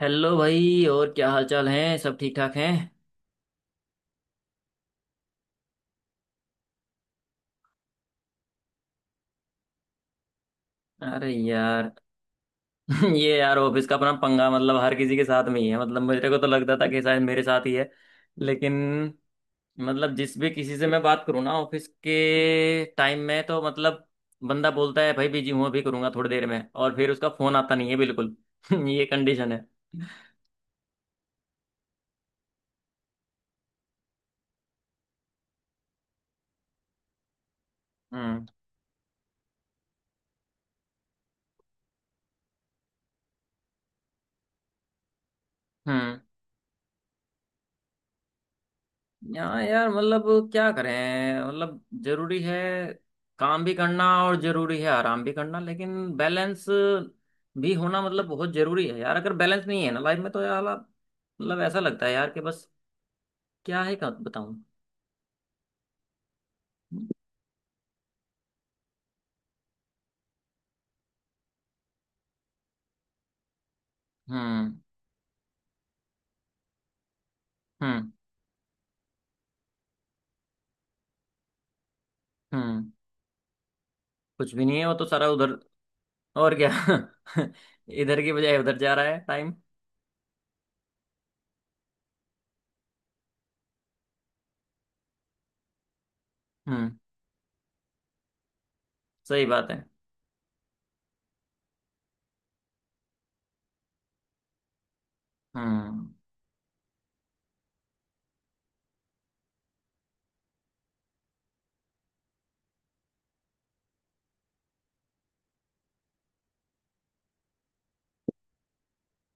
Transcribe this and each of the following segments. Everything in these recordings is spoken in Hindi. हेलो भाई। और क्या हाल चाल है सब ठीक ठाक हैं। अरे यार। ये यार ऑफिस का अपना पंगा मतलब हर किसी के साथ में ही है। मतलब मेरे को तो लगता था कि शायद मेरे साथ ही है। लेकिन मतलब जिस भी किसी से मैं बात करूँ ना ऑफिस के टाइम में तो मतलब बंदा बोलता है भाई बिजी हूँ अभी करूंगा थोड़ी देर में। और फिर उसका फोन आता नहीं है बिल्कुल। ये कंडीशन है। हम्म। हम्म यहाँ यार मतलब क्या करें। मतलब जरूरी है काम भी करना और जरूरी है आराम भी करना। लेकिन बैलेंस भी होना मतलब बहुत जरूरी है यार। अगर बैलेंस नहीं है ना लाइफ में तो यार मतलब ऐसा लगता है यार कि बस क्या है क्या बताऊं। हम्म। हम्म हम्म कुछ भी नहीं है वो तो सारा उधर। और क्या। इधर की बजाय उधर जा रहा है टाइम। हम्म। सही बात है। हम्म।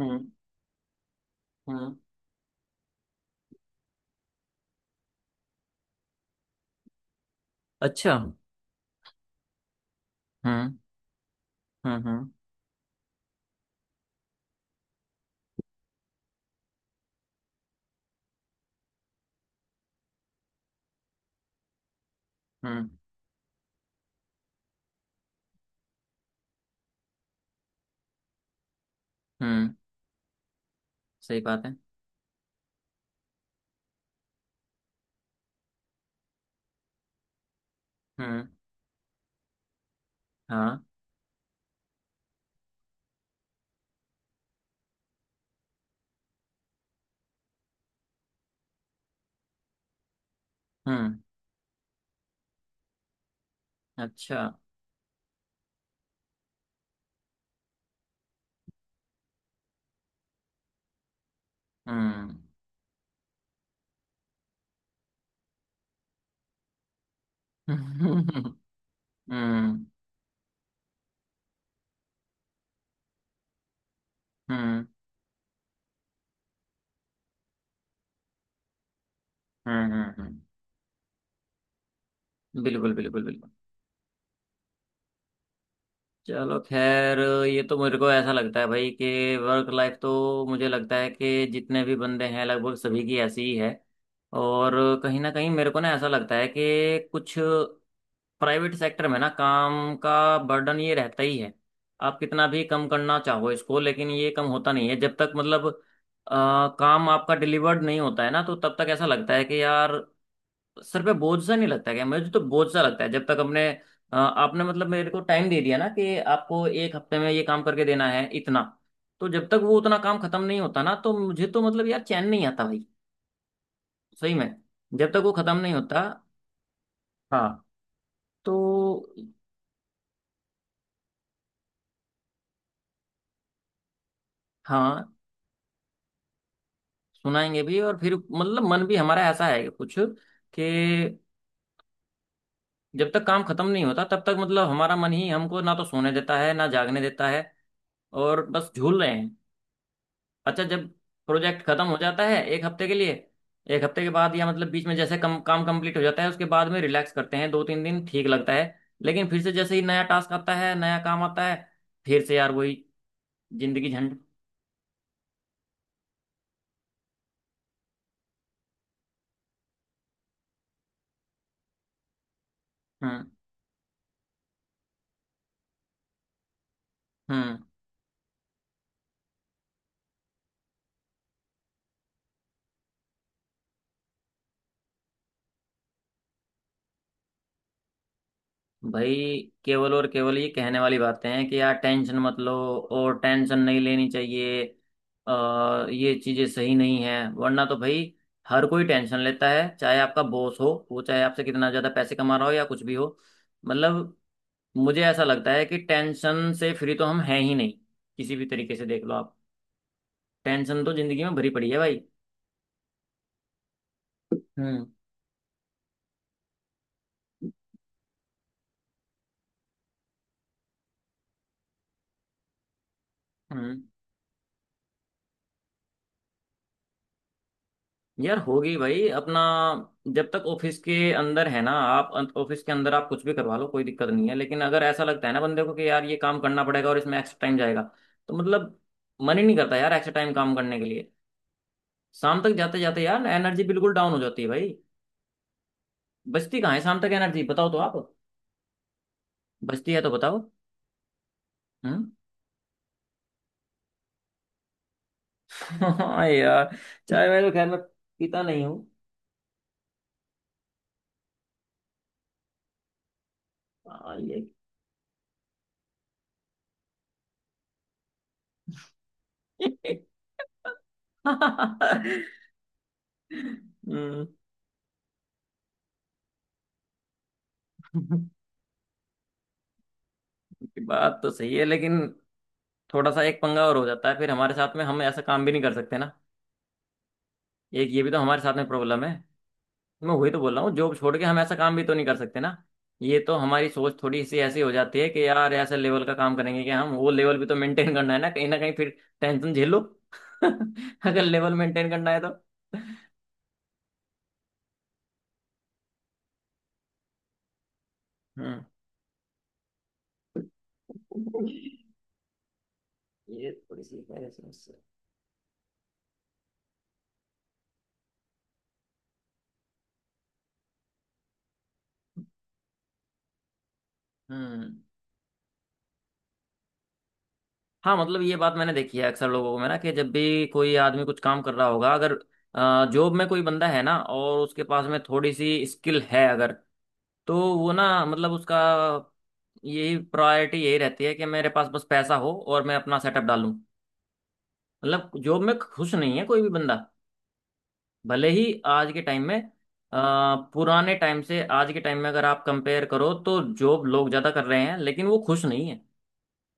हम्म। हम्म। अच्छा। हम्म। हम्म। हम्म। हम्म। हम्म। सही बात है। हम्म। हाँ। हम्म। अच्छा। हम्म। हम्म। हम्म। हम्म। हम्म। हम्म। बिल्कुल बिल्कुल बिल्कुल। चलो खैर। ये तो मेरे को ऐसा लगता है भाई कि वर्क लाइफ तो मुझे लगता है कि जितने भी बंदे हैं लगभग सभी की ऐसी ही है। और कहीं ना कहीं मेरे को ना ऐसा लगता है कि कुछ प्राइवेट सेक्टर में ना काम का बर्डन ये रहता ही है। आप कितना भी कम करना चाहो इसको लेकिन ये कम होता नहीं है जब तक मतलब काम आपका डिलीवर्ड नहीं होता है ना तो तब तक ऐसा लगता है कि यार सर पे बोझ सा नहीं लगता है क्या। मुझे तो बोझ सा लगता है जब तक अपने आपने मतलब मेरे को टाइम दे दिया ना कि आपको एक हफ्ते में ये काम करके देना है इतना। तो जब तक वो उतना काम खत्म नहीं होता ना तो मुझे तो मतलब यार चैन नहीं आता भाई। सही में। जब तक वो खत्म नहीं होता। हाँ। तो हाँ सुनाएंगे भी और फिर मतलब मन भी हमारा ऐसा है कुछ कि जब तक काम खत्म नहीं होता तब तक मतलब हमारा मन ही हमको ना तो सोने देता है ना जागने देता है। और बस झूल रहे हैं। अच्छा जब प्रोजेक्ट खत्म हो जाता है एक हफ्ते के लिए, एक हफ्ते के बाद या मतलब बीच में जैसे कम काम कंप्लीट हो जाता है उसके बाद में रिलैक्स करते हैं दो तीन दिन ठीक लगता है। लेकिन फिर से जैसे ही नया टास्क आता है नया काम आता है फिर से यार वही जिंदगी झंड। हम्म। हम्म। भाई केवल और केवल ये कहने वाली बातें हैं कि यार टेंशन मत लो और टेंशन नहीं लेनी चाहिए। ये चीजें सही नहीं है वरना तो भाई हर कोई टेंशन लेता है चाहे आपका बॉस हो वो चाहे आपसे कितना ज्यादा पैसे कमा रहा हो या कुछ भी हो। मतलब मुझे ऐसा लगता है कि टेंशन से फ्री तो हम हैं ही नहीं किसी भी तरीके से देख लो आप। टेंशन तो जिंदगी में भरी पड़ी है भाई। हम्म। हम्म यार होगी भाई। अपना जब तक ऑफिस के अंदर है ना आप ऑफिस के अंदर आप कुछ भी करवा लो कोई दिक्कत नहीं है लेकिन अगर ऐसा लगता है ना बंदे को कि यार ये काम करना पड़ेगा और इसमें एक्स्ट्रा टाइम जाएगा तो मतलब मन ही नहीं करता यार एक्स्ट्रा टाइम काम करने के लिए। शाम तक जाते जाते यार एनर्जी बिल्कुल डाउन हो जाती है भाई। बचती कहाँ है शाम तक एनर्जी बताओ तो आप। बचती है तो बताओ। हम्म। हाँ यार। चाय मैं तो खैर मैं पीता नहीं हूँ। हाँ, ये। हम्म। ये बात तो सही है लेकिन थोड़ा सा एक पंगा और हो जाता है फिर हमारे साथ में हम ऐसा काम भी नहीं कर सकते ना। एक ये भी तो हमारे साथ में प्रॉब्लम है। मैं वही तो बोल रहा हूँ जॉब छोड़ के हम ऐसा काम भी तो नहीं कर सकते ना। ये तो हमारी सोच थोड़ी सी ऐसी हो जाती है कि यार ऐसे लेवल का काम करेंगे कि हम वो लेवल भी तो मेंटेन करना है ना कहीं फिर टेंशन झेलो। अगर लेवल मेंटेन करना है तो। हम्म। ये थोड़ी सी है समस्या। हम्म। हाँ मतलब ये बात मैंने देखी है अक्सर लोगों को में ना कि जब भी कोई आदमी कुछ काम कर रहा होगा अगर जॉब में कोई बंदा है ना और उसके पास में थोड़ी सी स्किल है अगर तो वो ना मतलब उसका यही प्रायोरिटी यही रहती है कि मेरे पास बस पैसा हो और मैं अपना सेटअप डालूं। मतलब जॉब में खुश नहीं है कोई भी बंदा भले ही आज के टाइम में पुराने टाइम से आज के टाइम में अगर आप कंपेयर करो तो जॉब लोग ज़्यादा कर रहे हैं लेकिन वो खुश नहीं है।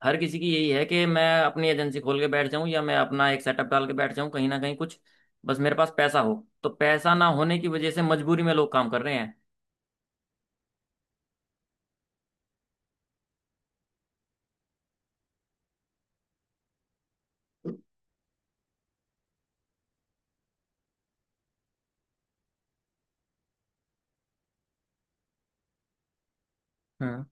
हर किसी की यही है कि मैं अपनी एजेंसी खोल के बैठ जाऊं या मैं अपना एक सेटअप डाल के बैठ जाऊं कहीं ना कहीं कुछ बस मेरे पास पैसा हो। तो पैसा ना होने की वजह से मजबूरी में लोग काम कर रहे हैं। हम्म।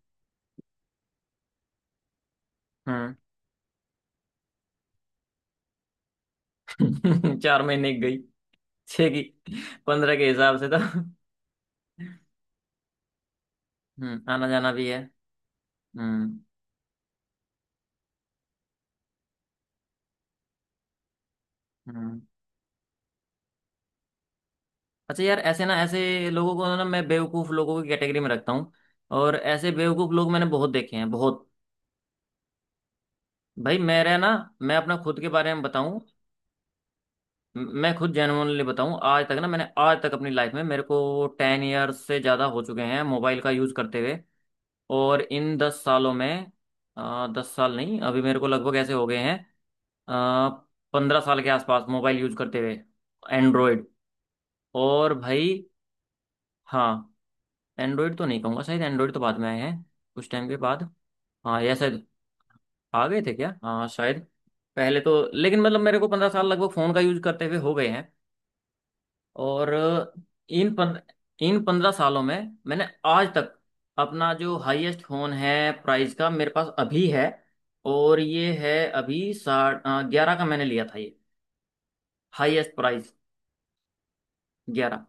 हम्म। 4 महीने की गई छह की। पंद्रह के हिसाब से तो। आना जाना भी है। हम्म। हम्म। अच्छा यार ऐसे ना ऐसे लोगों को ना मैं बेवकूफ लोगों की कैटेगरी में रखता हूँ। और ऐसे बेवकूफ लोग मैंने बहुत देखे हैं बहुत। भाई मेरा ना मैं अपना खुद के बारे में बताऊं। मैं खुद जेनुअनली बताऊं आज तक ना मैंने आज तक अपनी लाइफ में मेरे को 10 इयर्स से ज़्यादा हो चुके हैं मोबाइल का यूज़ करते हुए। और इन 10 सालों में 10 साल नहीं अभी मेरे को लगभग ऐसे हो गए हैं आ, 15 साल के आसपास मोबाइल यूज़ करते हुए एंड्रॉयड। और भाई हाँ एंड्रॉयड तो नहीं कहूँगा शायद एंड्रॉयड तो बाद में आए हैं कुछ टाइम के बाद। हाँ या शायद आ गए थे क्या हाँ शायद पहले तो। लेकिन मतलब मेरे को 15 साल लगभग फ़ोन का यूज़ करते हुए हो गए हैं। और इन पन, इन 15 सालों में मैंने आज तक अपना जो हाईएस्ट होन है प्राइस का मेरे पास अभी है। और ये है अभी साठ ग्यारह का मैंने लिया था ये। हाईएस्ट प्राइस ग्यारह।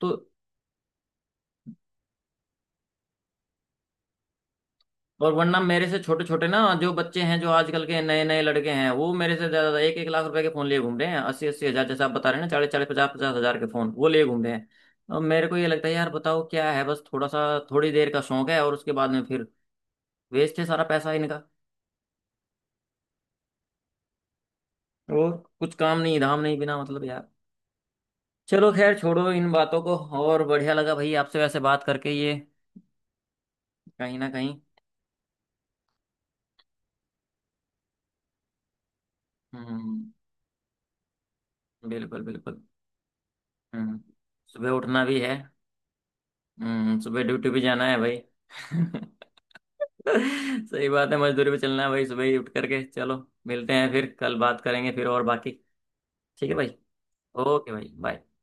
तो और वरना मेरे से छोटे छोटे ना जो बच्चे हैं जो आजकल के नए नए लड़के हैं वो मेरे से ज्यादा एक एक लाख रुपए के फोन लिए घूम रहे हैं। अस्सी अस्सी हजार जैसे आप बता रहे हैं ना। चालीस चालीस पचास पचास हजार के फोन वो लिए घूम रहे हैं। और मेरे को ये लगता है यार बताओ क्या है बस थोड़ा सा थोड़ी देर का शौक है और उसके बाद में फिर वेस्ट है सारा पैसा इनका। और कुछ काम नहीं धाम नहीं बिना मतलब यार चलो खैर छोड़ो इन बातों को। और बढ़िया लगा भाई आपसे वैसे बात करके ये कहीं ना कहीं। हम्म। बिल्कुल बिल्कुल। हम्म सुबह उठना भी है। सुबह ड्यूटी भी जाना है भाई। सही बात है मजदूरी पे चलना है भाई सुबह ही उठ करके चलो। मिलते हैं फिर कल बात करेंगे फिर और बाकी। ठीक है भाई। ओके भाई बाय।